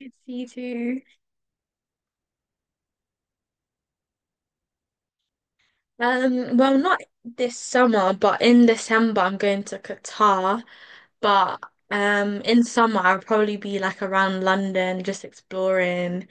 It's you too. Well, not this summer, but in December I'm going to Qatar. But In summer I'll probably be like around London, just exploring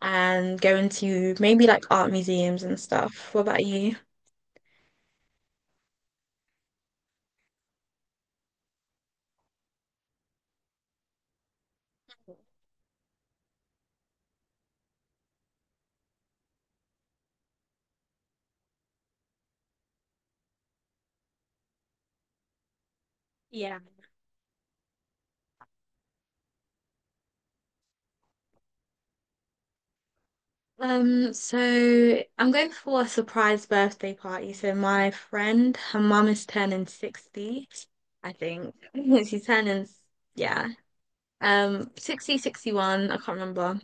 and going to maybe like art museums and stuff. What about you? Yeah. So I'm going for a surprise birthday party. So my friend, her mum is turning 60, I think. She's turning, yeah, 60, 61. I can't remember,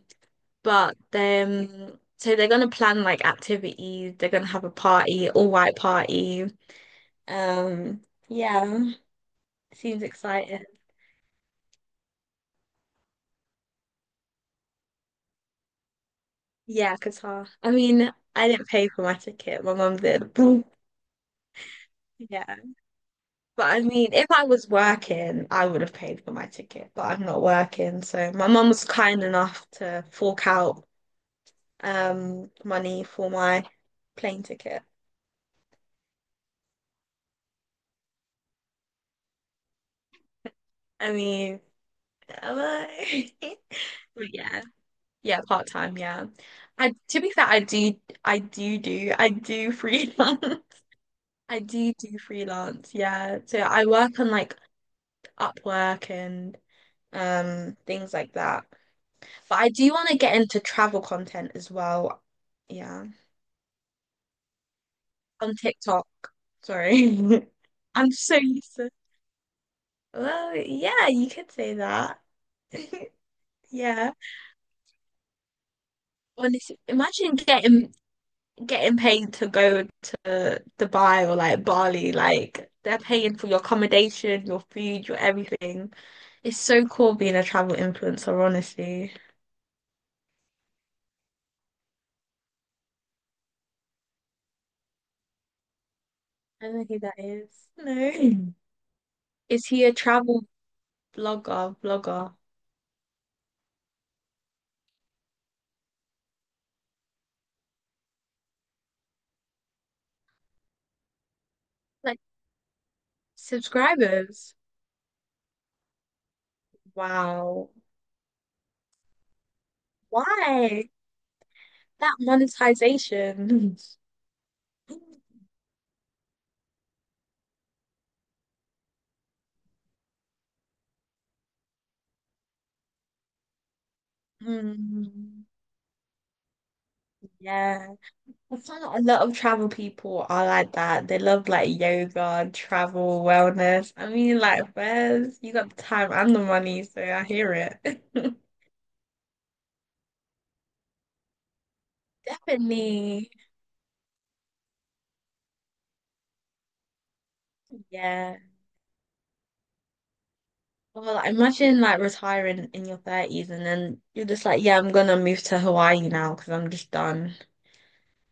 but then so they're gonna plan like activities. They're gonna have a party, all white party. Um, yeah, seems exciting. Yeah, Qatar. I mean, I didn't pay for my ticket, my mum did. Yeah, but I mean, if I was working I would have paid for my ticket, but I'm not working, so my mum was kind enough to fork out money for my plane ticket. I mean, am I? But yeah, yeah, part time. Yeah, I to be fair, I do, I do freelance. I do do freelance. Yeah, so I work on like Upwork and things like that. But I do want to get into travel content as well. Yeah, on TikTok. Sorry, I'm so used to. Well, yeah, you could say that. Yeah. Honestly, imagine getting paid to go to Dubai or like Bali, like they're paying for your accommodation, your food, your everything. It's so cool being a travel influencer, honestly. I don't know who that is. No. Is he a travel blogger, vlogger? Like subscribers. Wow. Why? That monetization. Mm, yeah. I find that a lot of travel people are like that. They love like yoga, travel, wellness. I mean, like, where's you got the time and the money, so I hear it. Definitely. Yeah. Well, like, imagine like retiring in your 30s and then you're just like, yeah, I'm gonna move to Hawaii now because I'm just done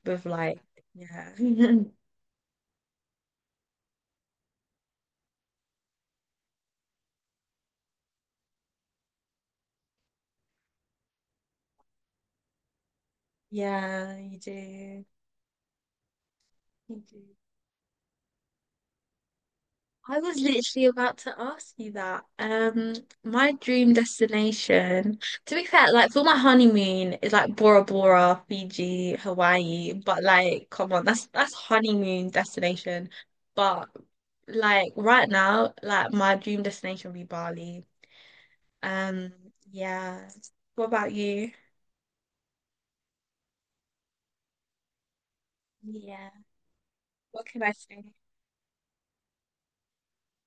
with like, yeah. Yeah, you do. You do. I was literally about to ask you that. My dream destination, to be fair, like for my honeymoon is like Bora Bora, Fiji, Hawaii, but like come on, that's honeymoon destination. But like right now, like my dream destination would be Bali. Um, yeah. What about you? Yeah. What can I say?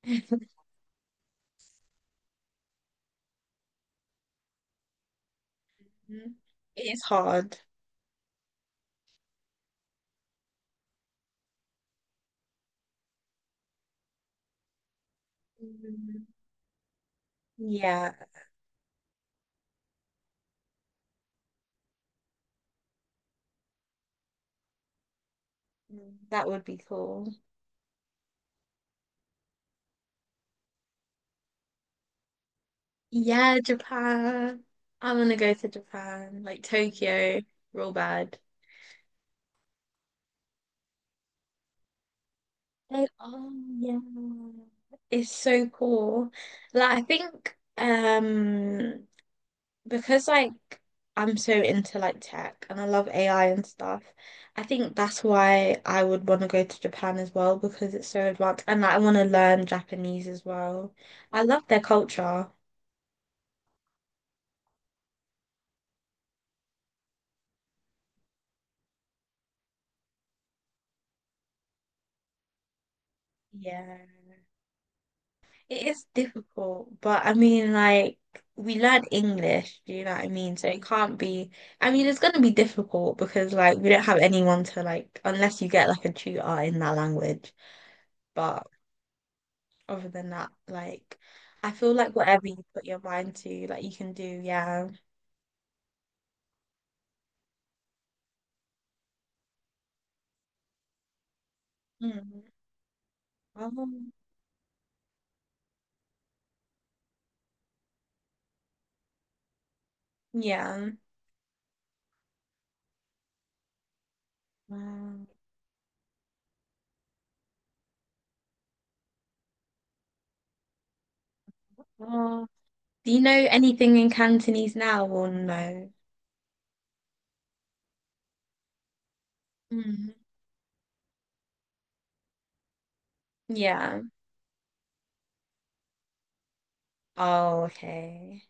It is hard. Mm, yeah, mm, that would be cool. Yeah, Japan. I want to go to Japan, like Tokyo, real bad. They are, yeah. It's so cool. Like, I think because like I'm so into like tech and I love AI and stuff, I think that's why I would want to go to Japan as well because it's so advanced and like, I want to learn Japanese as well. I love their culture. Yeah. It is difficult, but I mean, like, we learn English, do you know what I mean? So it can't be, I mean, it's going to be difficult because, like, we don't have anyone to, like, unless you get, like, a tutor in that language. But other than that, like, I feel like whatever you put your mind to, like, you can do, yeah. Mm. Um, yeah. Um, oh. Do you know anything in Cantonese now or no? Mm. Yeah. Oh, okay.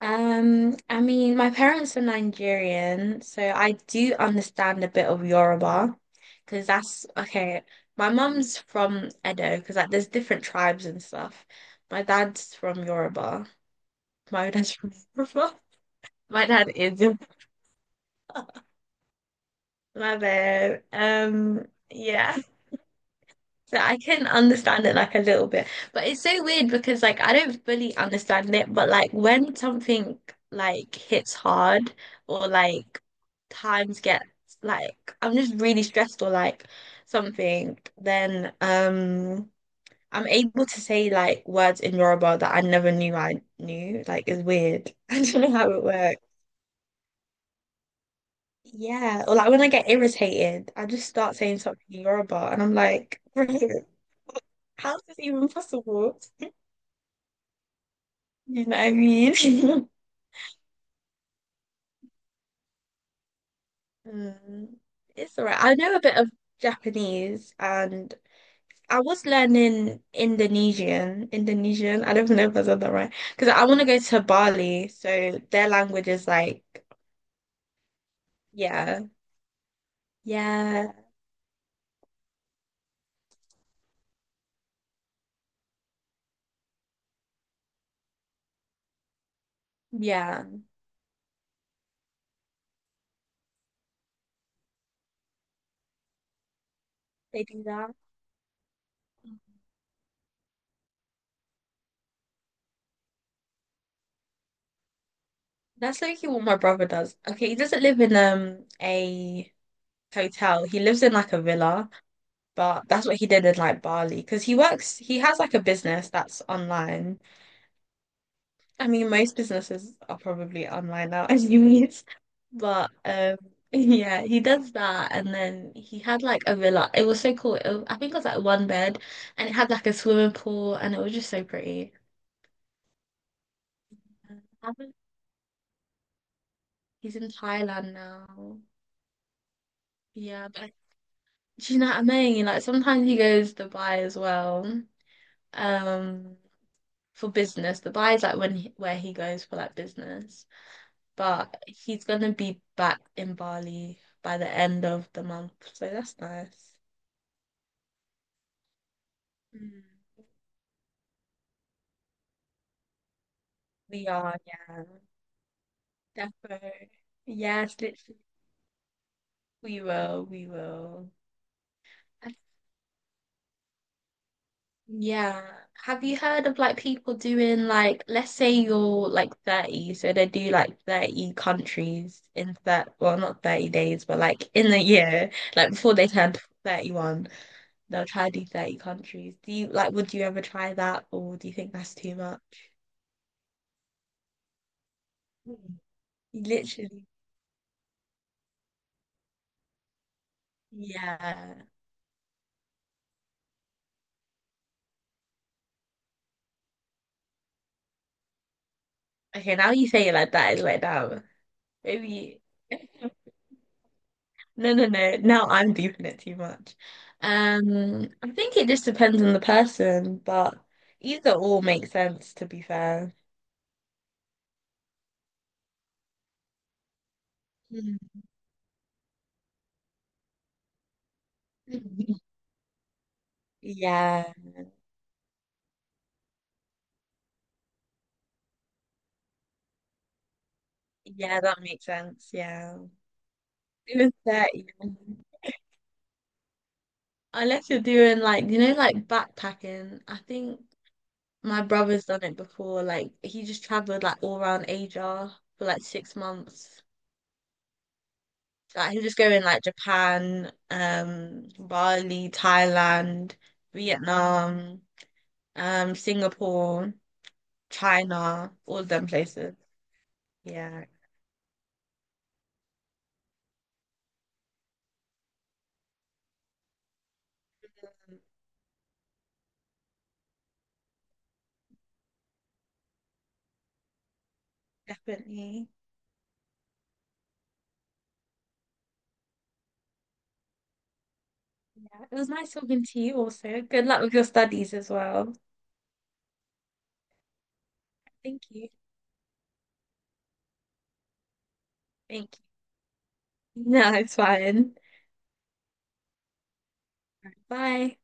I mean, my parents are Nigerian, so I do understand a bit of Yoruba because that's okay. My mum's from Edo because like there's different tribes and stuff. My dad's from Yoruba. My dad's from Yoruba. My dad is Yoruba. My bad. Yeah. So I can understand it like a little bit, but it's so weird because like I don't fully understand it, but like when something like hits hard or like times get like I'm just really stressed or like something, then I'm able to say like words in Yoruba that I never knew I knew. Like it's weird. I don't know how it works. Yeah, or like when I get irritated, I just start saying something in Yoruba and I'm like, how is this even possible? You know what I mean? Mm, it's all right. I know a bit of Japanese and I was learning Indonesian. Indonesian. I don't know if I said that right. Because I want to go to Bali. So their language is like, yeah, yeah, yeah. They do that. That's literally what my brother does. Okay, he doesn't live in a hotel. He lives in like a villa, but that's what he did in like Bali because he works. He has like a business that's online. I mean, most businesses are probably online now, as you mean. But yeah, he does that, and then he had like a villa. It was so cool. It was- I think it was like one bed, and it had like a swimming pool, and it was just so pretty. I haven't- He's in Thailand now. Yeah, but do you know what I mean? Like sometimes he goes to Dubai as well, um, for business. Dubai is like when he, where he goes for like business. But he's gonna be back in Bali by the end of the month, so that's nice. Mm. We are, yeah, defo. Yes, literally, we will, we will. And- Yeah. Have you heard of like people doing like, let's say you're like 30, so they do like 30 countries in that, well, not 30 days, but like in the year, like before they turn 31, they'll try to do 30 countries. Do you like, would you ever try that, or do you think that's too much? Literally. Yeah. Okay, now you say it like that, it's like that. Maybe no, no, no. Now I'm deeping it too much. I think it just depends on the person, but either or makes sense, to be fair. Mm. Yeah. Yeah, that makes sense. Yeah. It was 30. Unless you're doing like, you know, like backpacking, I think my brother's done it before. Like he just traveled like all around Asia for like 6 months. Like he'll just go in like Japan, Bali, Thailand, Vietnam, Singapore, China, all of them places. Yeah, um, definitely. Yeah, it was nice talking to you also. Good luck with your studies as well. Thank you. Thank you. No, it's fine. Bye.